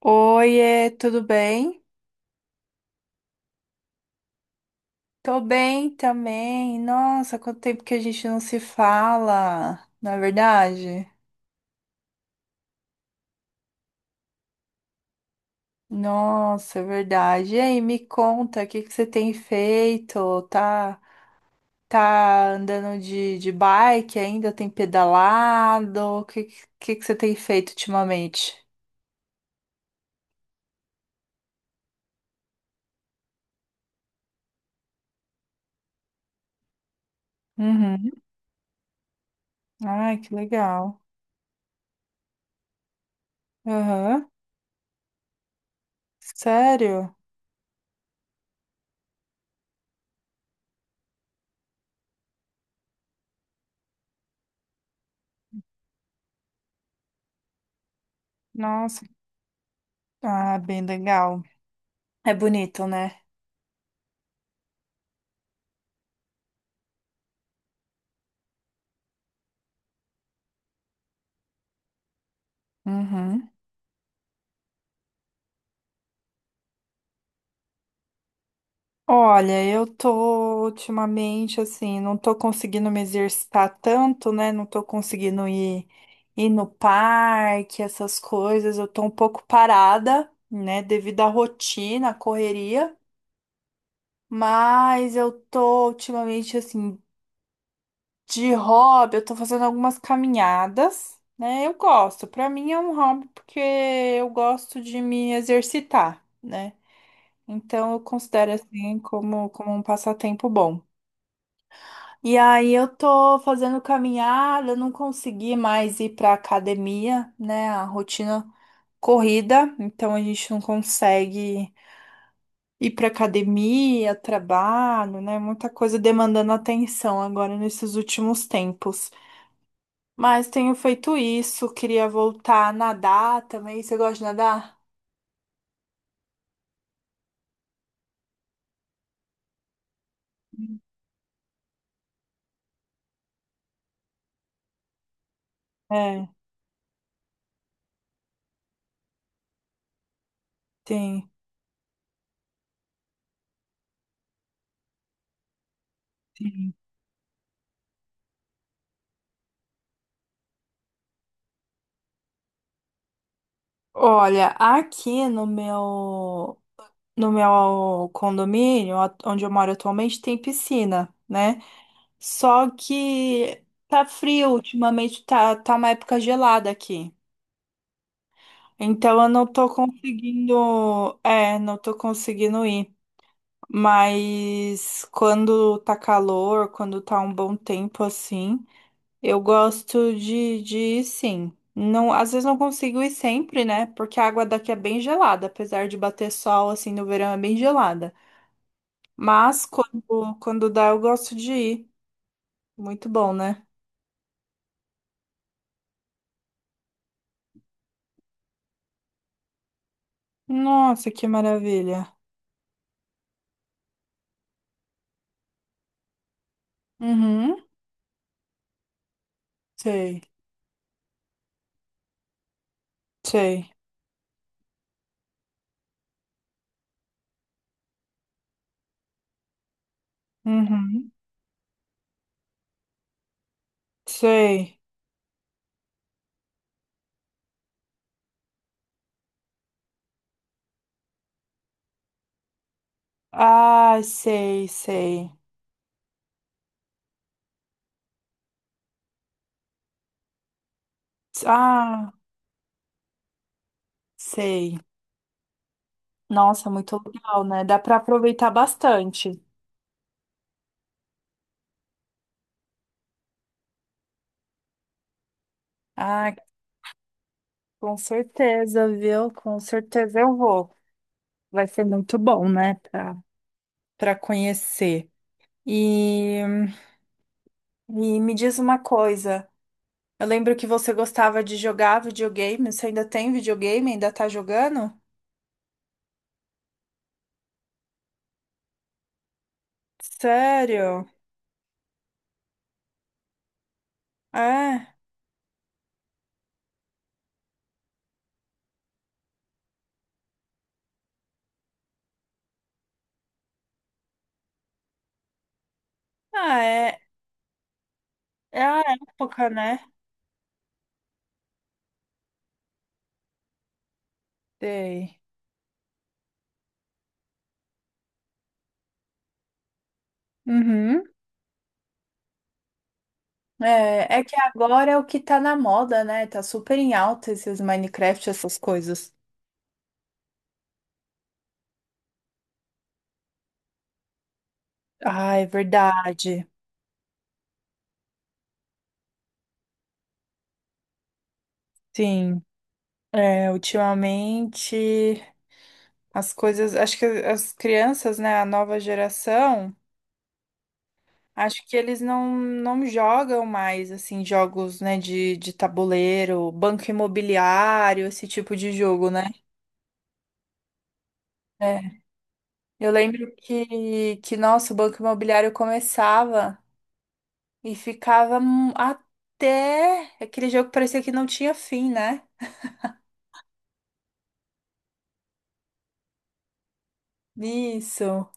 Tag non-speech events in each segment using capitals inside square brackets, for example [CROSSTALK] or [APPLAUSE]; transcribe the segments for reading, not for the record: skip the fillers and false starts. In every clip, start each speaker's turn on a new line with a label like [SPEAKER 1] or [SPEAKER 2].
[SPEAKER 1] Oiê, tudo bem? Tô bem também. Nossa, quanto tempo que a gente não se fala, não é verdade? Nossa, é verdade. E aí, me conta, o que que você tem feito? Tá, tá andando de bike ainda? Tem pedalado? Que você tem feito ultimamente? Uhum. Ai, que legal. Aham. Sério? Nossa. Ah, bem legal. É bonito, né? Uhum. Olha, eu tô ultimamente assim, não tô conseguindo me exercitar tanto, né? Não tô conseguindo ir no parque, essas coisas. Eu tô um pouco parada, né? Devido à rotina, à correria. Mas eu tô ultimamente assim, de hobby, eu tô fazendo algumas caminhadas, né? Eu gosto. Pra mim é um hobby porque eu gosto de me exercitar, né? Então eu considero assim como um passatempo bom. E aí eu tô fazendo caminhada, não consegui mais ir pra academia, né? A rotina corrida, então a gente não consegue ir pra academia, trabalho, né? Muita coisa demandando atenção agora nesses últimos tempos. Mas tenho feito isso, queria voltar a nadar também. Você gosta de nadar? É, tem. Olha, aqui no meu no meu condomínio, onde eu moro atualmente, tem piscina, né? Só que tá frio ultimamente, tá uma época gelada aqui. Então eu não tô conseguindo, não tô conseguindo ir. Mas quando tá calor, quando tá um bom tempo assim, eu gosto de ir sim. Não, às vezes não consigo ir sempre, né? Porque a água daqui é bem gelada, apesar de bater sol assim no verão, é bem gelada. Mas quando dá, eu gosto de ir. Muito bom, né? Nossa, que maravilha. Uhum. Sei, sei. Uhum. Sei. Ah, sei, sei. Ah, sei. Nossa, muito legal, né? Dá para aproveitar bastante. Ah, com certeza, viu? Com certeza eu vou. Vai ser muito bom, né? Para conhecer. E, e me diz uma coisa. Eu lembro que você gostava de jogar videogame. Você ainda tem videogame? Ainda tá jogando? Sério? É. Ah, é. É a época, né? Sei. Uhum. É, é que agora é o que tá na moda, né? Tá super em alta esses Minecraft, essas coisas. Ah, é verdade. Sim. É, ultimamente as coisas. Acho que as crianças, né? A nova geração. Acho que eles não, não jogam mais, assim, jogos, né, de tabuleiro, banco imobiliário, esse tipo de jogo, né? É. Eu lembro nossa, o banco imobiliário começava e ficava até... Aquele jogo parecia que não tinha fim, né? Isso.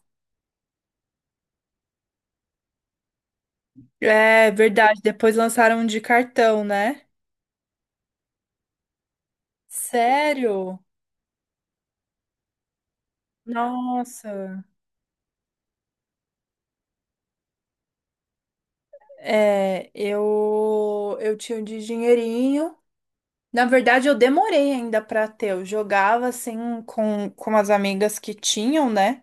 [SPEAKER 1] É verdade, depois lançaram um de cartão, né? Sério? Nossa. É, eu tinha um de dinheirinho. Na verdade, eu demorei ainda pra ter. Eu jogava assim com as amigas que tinham, né?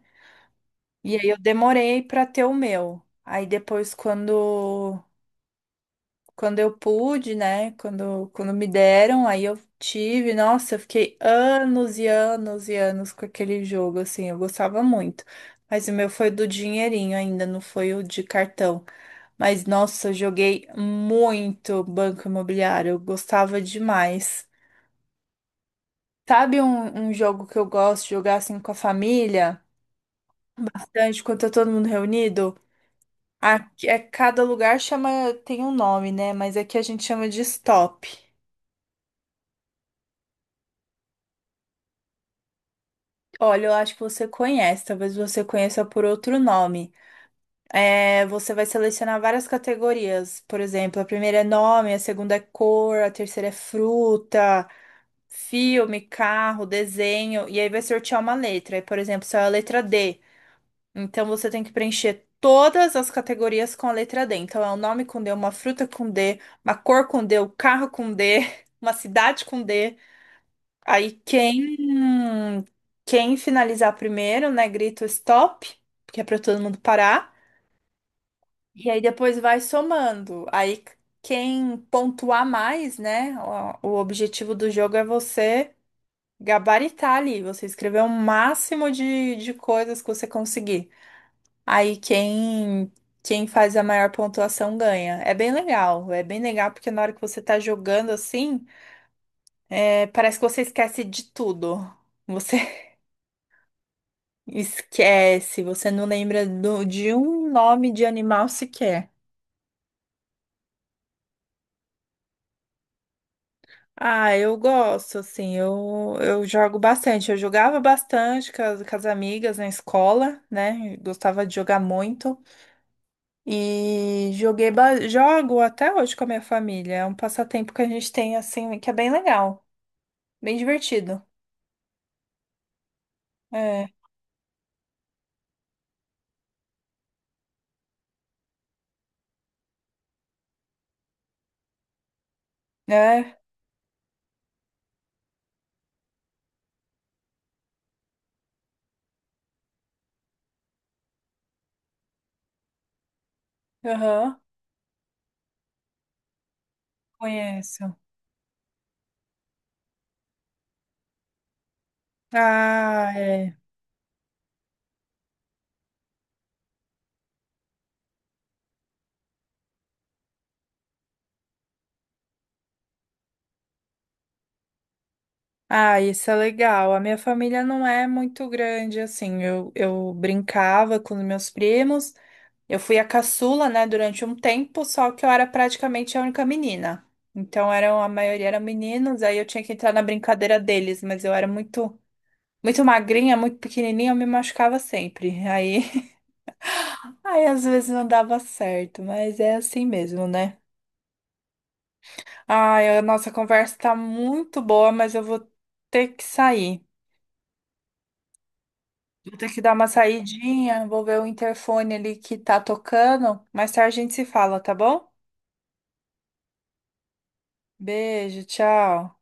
[SPEAKER 1] E aí eu demorei pra ter o meu. Aí depois, quando eu pude, né? Quando me deram, aí eu tive. Nossa, eu fiquei anos e anos e anos com aquele jogo, assim. Eu gostava muito. Mas o meu foi do dinheirinho ainda, não foi o de cartão. Mas nossa, eu joguei muito Banco Imobiliário. Eu gostava demais. Sabe um jogo que eu gosto de jogar assim com a família? Bastante, quando tá todo mundo reunido? Aqui, é, cada lugar chama, tem um nome, né? Mas aqui a gente chama de stop. Olha, eu acho que você conhece, talvez você conheça por outro nome. É, você vai selecionar várias categorias. Por exemplo, a primeira é nome, a segunda é cor, a terceira é fruta, filme, carro, desenho. E aí vai sortear uma letra. Aí, por exemplo, se é a letra D. Então você tem que preencher todas as categorias com a letra D. Então é um nome com D, uma fruta com D, uma cor com D, um carro com D, [LAUGHS] uma cidade com D. Aí quem finalizar primeiro, né, grita o stop, que é para todo mundo parar. E aí depois vai somando. Aí quem pontuar mais, né, o objetivo do jogo é você gabaritar ali, você escrever o máximo de coisas que você conseguir. Aí quem faz a maior pontuação ganha. É bem legal porque na hora que você tá jogando assim, é, parece que você esquece de tudo. Você [LAUGHS] esquece, você não lembra de um nome de animal sequer. Ah, eu gosto, assim, eu jogo bastante. Eu jogava bastante com as amigas na escola, né? Gostava de jogar muito. E jogo até hoje com a minha família. É um passatempo que a gente tem, assim, que é bem legal, bem divertido. É, é, aham, conheço. Ah, é. Ah, isso é legal. A minha família não é muito grande, assim. Eu brincava com os meus primos. Eu fui a caçula, né, durante um tempo, só que eu era praticamente a única menina. Então, eram, a maioria eram meninos, aí eu tinha que entrar na brincadeira deles, mas eu era muito. Muito magrinha, muito pequenininha, eu me machucava sempre. Aí, [LAUGHS] aí às vezes não dava certo, mas é assim mesmo, né? Ai, a nossa conversa tá muito boa, mas eu vou ter que sair. Vou ter que dar uma saidinha, vou ver o interfone ali que tá tocando. Mais tarde a gente se fala, tá bom? Beijo, tchau.